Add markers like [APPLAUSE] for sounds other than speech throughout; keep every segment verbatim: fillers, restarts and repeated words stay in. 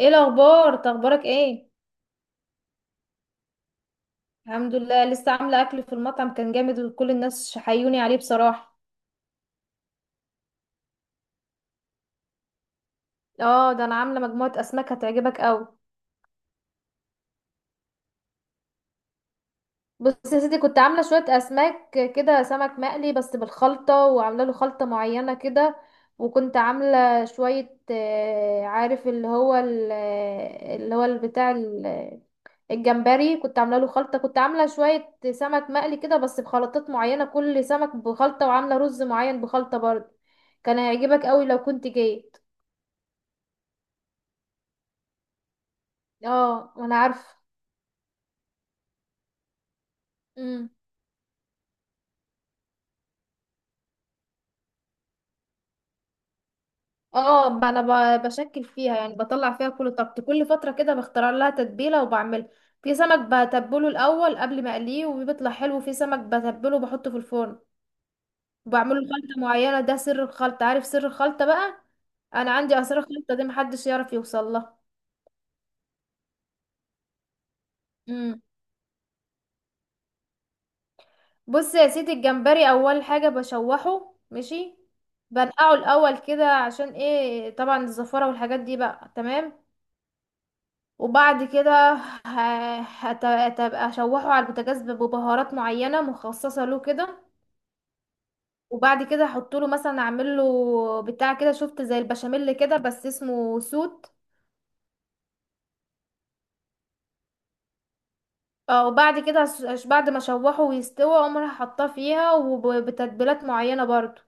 ايه الاخبار، اخبارك ايه؟ الحمد لله. لسه عامله اكل في المطعم كان جامد، وكل الناس حيوني عليه بصراحه. اه، ده انا عامله مجموعه اسماك هتعجبك قوي. بص يا سيدي، كنت عاملة شوية أسماك كده، سمك مقلي بس بالخلطة، وعاملة له خلطة معينة كده. وكنت عاملة شوية آه، عارف اللي هو ال- آه، اللي هو ال- بتاع ال- آه، الجمبري، كنت عاملة له خلطة، كنت عاملة شوية سمك مقلي كده بس بخلطات معينة، كل سمك بخلطة، وعاملة رز معين بخلطة برضه. كان هيعجبك قوي لو كنت جيت. اه، وانا عارفة. اه، ب- انا ب- بشكل فيها، يعني بطلع فيها كل طاقتي، كل فتره كده بختار لها تتبيله وبعملها. في سمك بتبله الاول قبل ما اقليه وبيطلع حلو، في سمك بتبله وبحطه في الفرن. وبعمله خلطه معينه، ده سر الخلطه، عارف سر الخلطه بقى. انا عندي اسرار الخلطه دي محدش يعرف يوصل لها. امم. بص يا سيدي، الجمبري اول حاجه بشوحه. ماشي. بنقعه الاول كده، عشان ايه؟ طبعا الزفاره والحاجات دي بقى. تمام. وبعد كده ه- هت- هتبقى اشوحه على البوتاجاز ببهارات معينه مخصصه له كده. وبعد كده احط له مثلا، اعمل له بتاع كده، شفت زي البشاميل كده بس اسمه سوت. اه، وبعد كده أس- أش- بعد ما اشوحه ويستوي اقوم رايحة حاطاه فيها وبتتبيلات معينه برضو.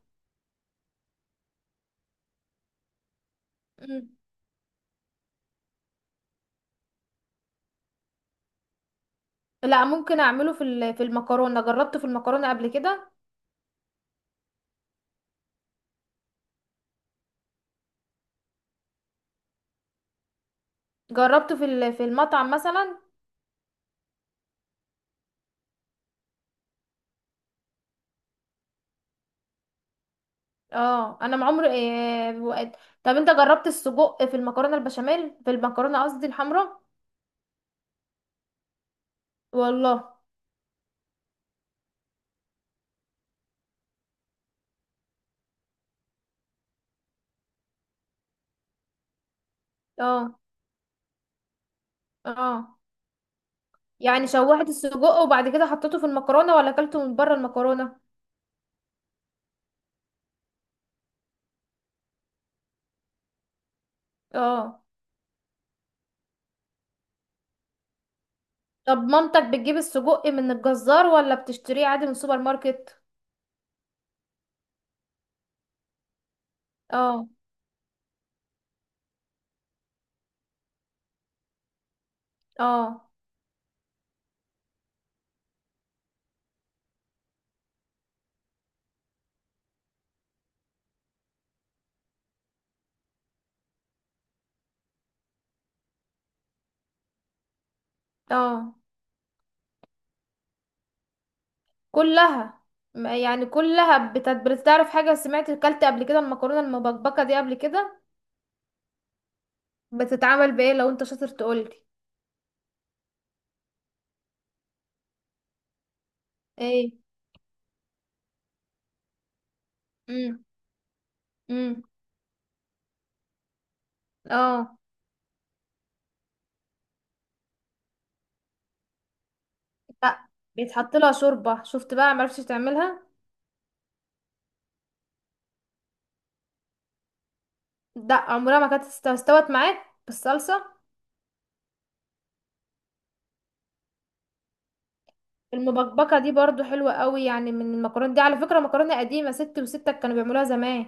مم. لا، ممكن اعمله في ال- في المكرونه، جربته في المكرونه قبل كده. جربته في ال- في المطعم مثلا. اه، انا ما عمري إيه وقت. طب انت جربت السجق في المكرونه البشاميل، في المكرونه قصدي الحمراء؟ والله. اه، اه. يعني شوحت السجق وبعد كده حطيته في المكرونه، ولا اكلته من بره المكرونه؟ اه. طب مامتك بتجيب السجق من الجزار، ولا بتشتريه عادي من السوبر ماركت؟ اه، اه، اه. كلها. م- يعني كلها بت- بتعرف. حاجه، سمعت اكلت قبل كده المكرونه المبكبكه دي قبل كده؟ بتتعمل بايه؟ لو انت شاطر تقولي. ايه؟ امم. اه. لا. بيتحط لها شوربه، شفت بقى؟ معرفتش تعملها. لا، عمرها ما كانت است- استوت معاك بالصلصه. المبكبكه دي برضو حلوه قوي، يعني من المكرونه دي. على فكره مكرونه قديمه، ستي وستك كانوا بيعملوها زمان.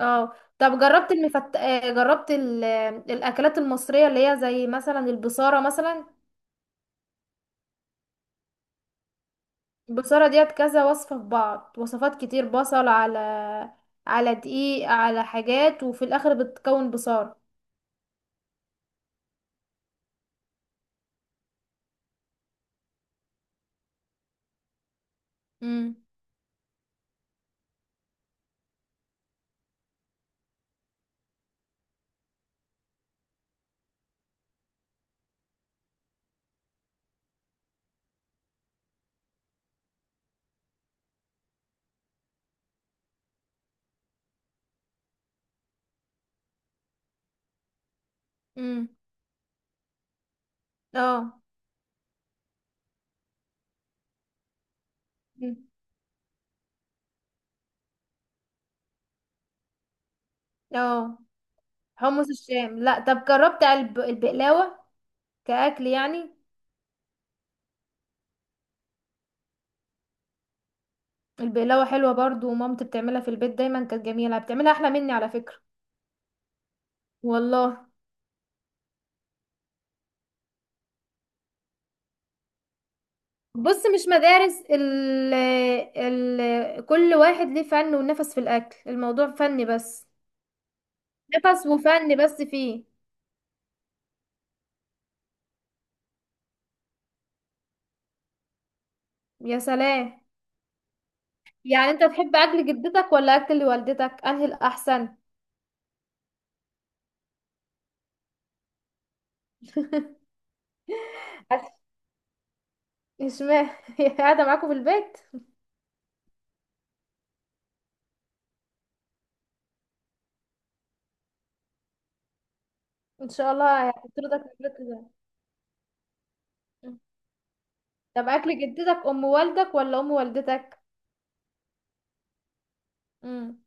اه. طب جربت المفت... آه، جربت ال... آه، الاكلات المصريه اللي هي زي مثلا البصاره مثلا؟ البصاره ديت كذا وصفه في بعض، وصفات كتير، بصل على على دقيق على حاجات، وفي الاخر بتكون بصاره. امم. امم. اه. مم. اه. حمص الشام؟ لا، طب جربت الب- البقلاوة كأكل يعني؟ البقلاوة حلوة برضو، ومامتي بتعملها في البيت دايما، كانت جميلة، بتعملها أحلى مني على فكرة. والله. بص، مش مدارس، ال ال كل واحد ليه فن ونفس في الأكل، الموضوع فن بس. نفس وفن، بس فيه. يا سلام. يعني انت تحب أكل جدتك ولا أكل والدتك، أنهي الأحسن؟ أكل. اشمعنى؟ [LAUGHS] هي قاعدة معاكم في البيت؟ ان شاء الله هتطردك من البيت ده. طب اكل جدتك، ام والدك ولا ام والدتك؟ امم.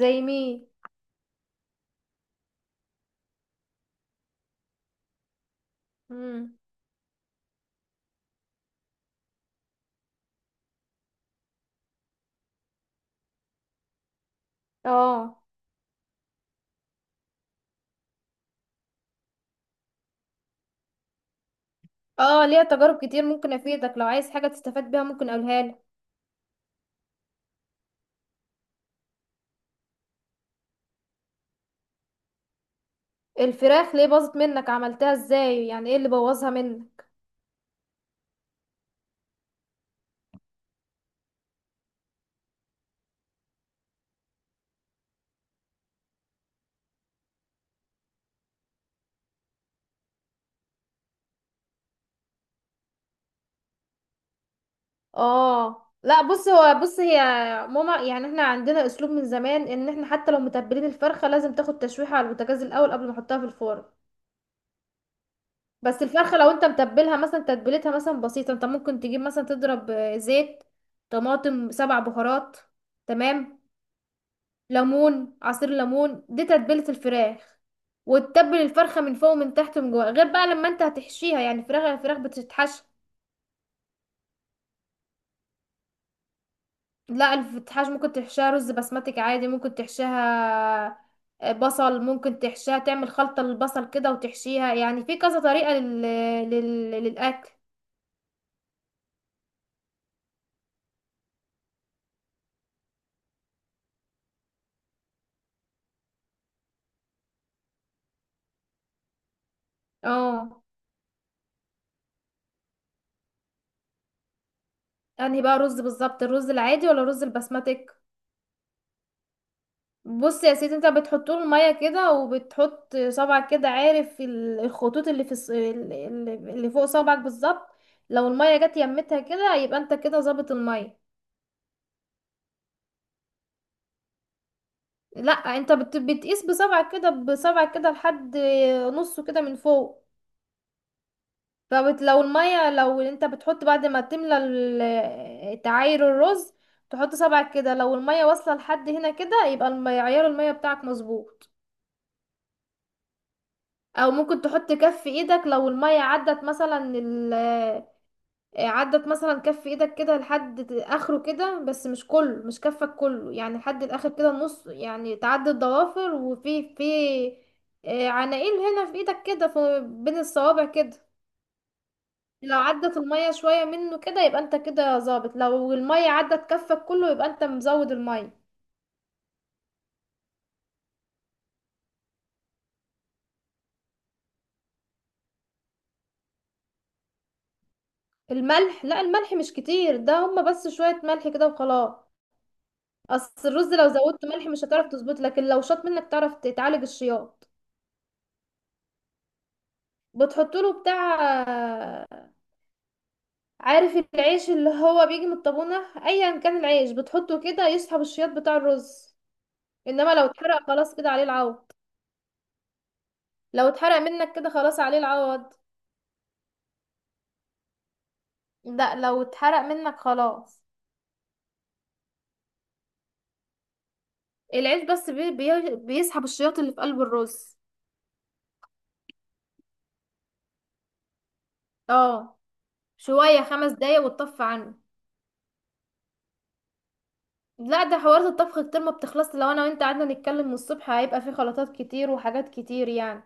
زي مين؟ امم. اه. اه. ليها تجارب كتير، ممكن افيدك لو عايز حاجة تستفاد بيها، ممكن اقولها لك. الفراخ ليه باظت منك؟ عملتها ازاي؟ يعني ايه اللي بوظها منك؟ اه، لا، بص هو بص هي ماما، يعني احنا عندنا اسلوب من زمان ان احنا حتى لو متبلين الفرخة لازم تاخد تشويحة على البوتاجاز الاول قبل ما احطها في الفرن. بس الفرخة لو انت متبلها مثلا، تتبيلتها مثلا بسيطة، انت ممكن تجيب مثلا، تضرب آه، زيت، طماطم، سبع بهارات، تمام؟ ليمون، عصير ليمون، دي تتبيلة الفراخ. وتتبل الفرخة من فوق ومن تحت ومن جوه، غير بقى لما انت هتحشيها، يعني فراخ الفراخ بتتحشى. لا، الفتحاش ممكن تحشيها رز بسمتك عادي، ممكن تحشيها. آه، بصل ممكن تحشيها، تعمل خلطة للبصل كده وتحشيها، يعني في كذا طريقة لل... لل... للأكل. اه. انهي بقى رز بالظبط؟ الرز العادي ولا الرز البسمتك؟ بص يا سيدي، انت بتحط له الميه كده، وبتحط صبعك كده، عارف ال- الخطوط اللي في الص- ال- ال- اللي فوق صبعك بالظبط. لو الميه جت يمتها كده يبقى انت كده ظابط الميه. لا، انت بت... بتقيس بصبعك كده، بصبعك كده لحد نصه كده من فوق. فبت... لو الميه لو انت بتحط بعد ما تملى ال- تعاير الرز. تحط صبعك كده، لو الميه واصله لحد هنا كده يبقى الم- عيار الميه بتاعك مظبوط. او ممكن تحط كف ايدك، لو المية عدت مثلا ال عدت مثلا كف ايدك كده لحد اخره كده، بس مش كله، مش كفك كله، يعني لحد الاخر كده نص، يعني تعدي الضوافر، وفي في آه، عناقيل هنا في ايدك كده، في بين الصوابع كده. لو عدت المية شوية منه كده يبقى انت كده ظابط، لو المية عدت كفك كله يبقى انت مزود المية. الملح، لا الملح مش كتير ده، هما بس شوية ملح كده وخلاص. اصل الرز لو زودت ملح مش هتعرف تظبط، لكن لو شاط منك تعرف تعالج الشياط. بتحط له بتاع، عارف العيش اللي هو بيجي من الطابونة، ايا كان العيش بتحطه كده يسحب الشياط بتاع الرز. انما لو اتحرق خلاص كده عليه العوض. لو اتحرق منك كده خلاص عليه العوض. لا، لو اتحرق منك خلاص. العيش بس بي بي بيسحب الشياط اللي في قلب الرز. اه. شوية، خمس دقايق وتطفى عنه. لا، ده حوارات الطبخ كتير، ما بتخلص، لو انا وانت قعدنا نتكلم من الصبح هيبقى في خلطات كتير وحاجات كتير يعني.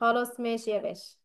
خلاص ماشي يا باشا.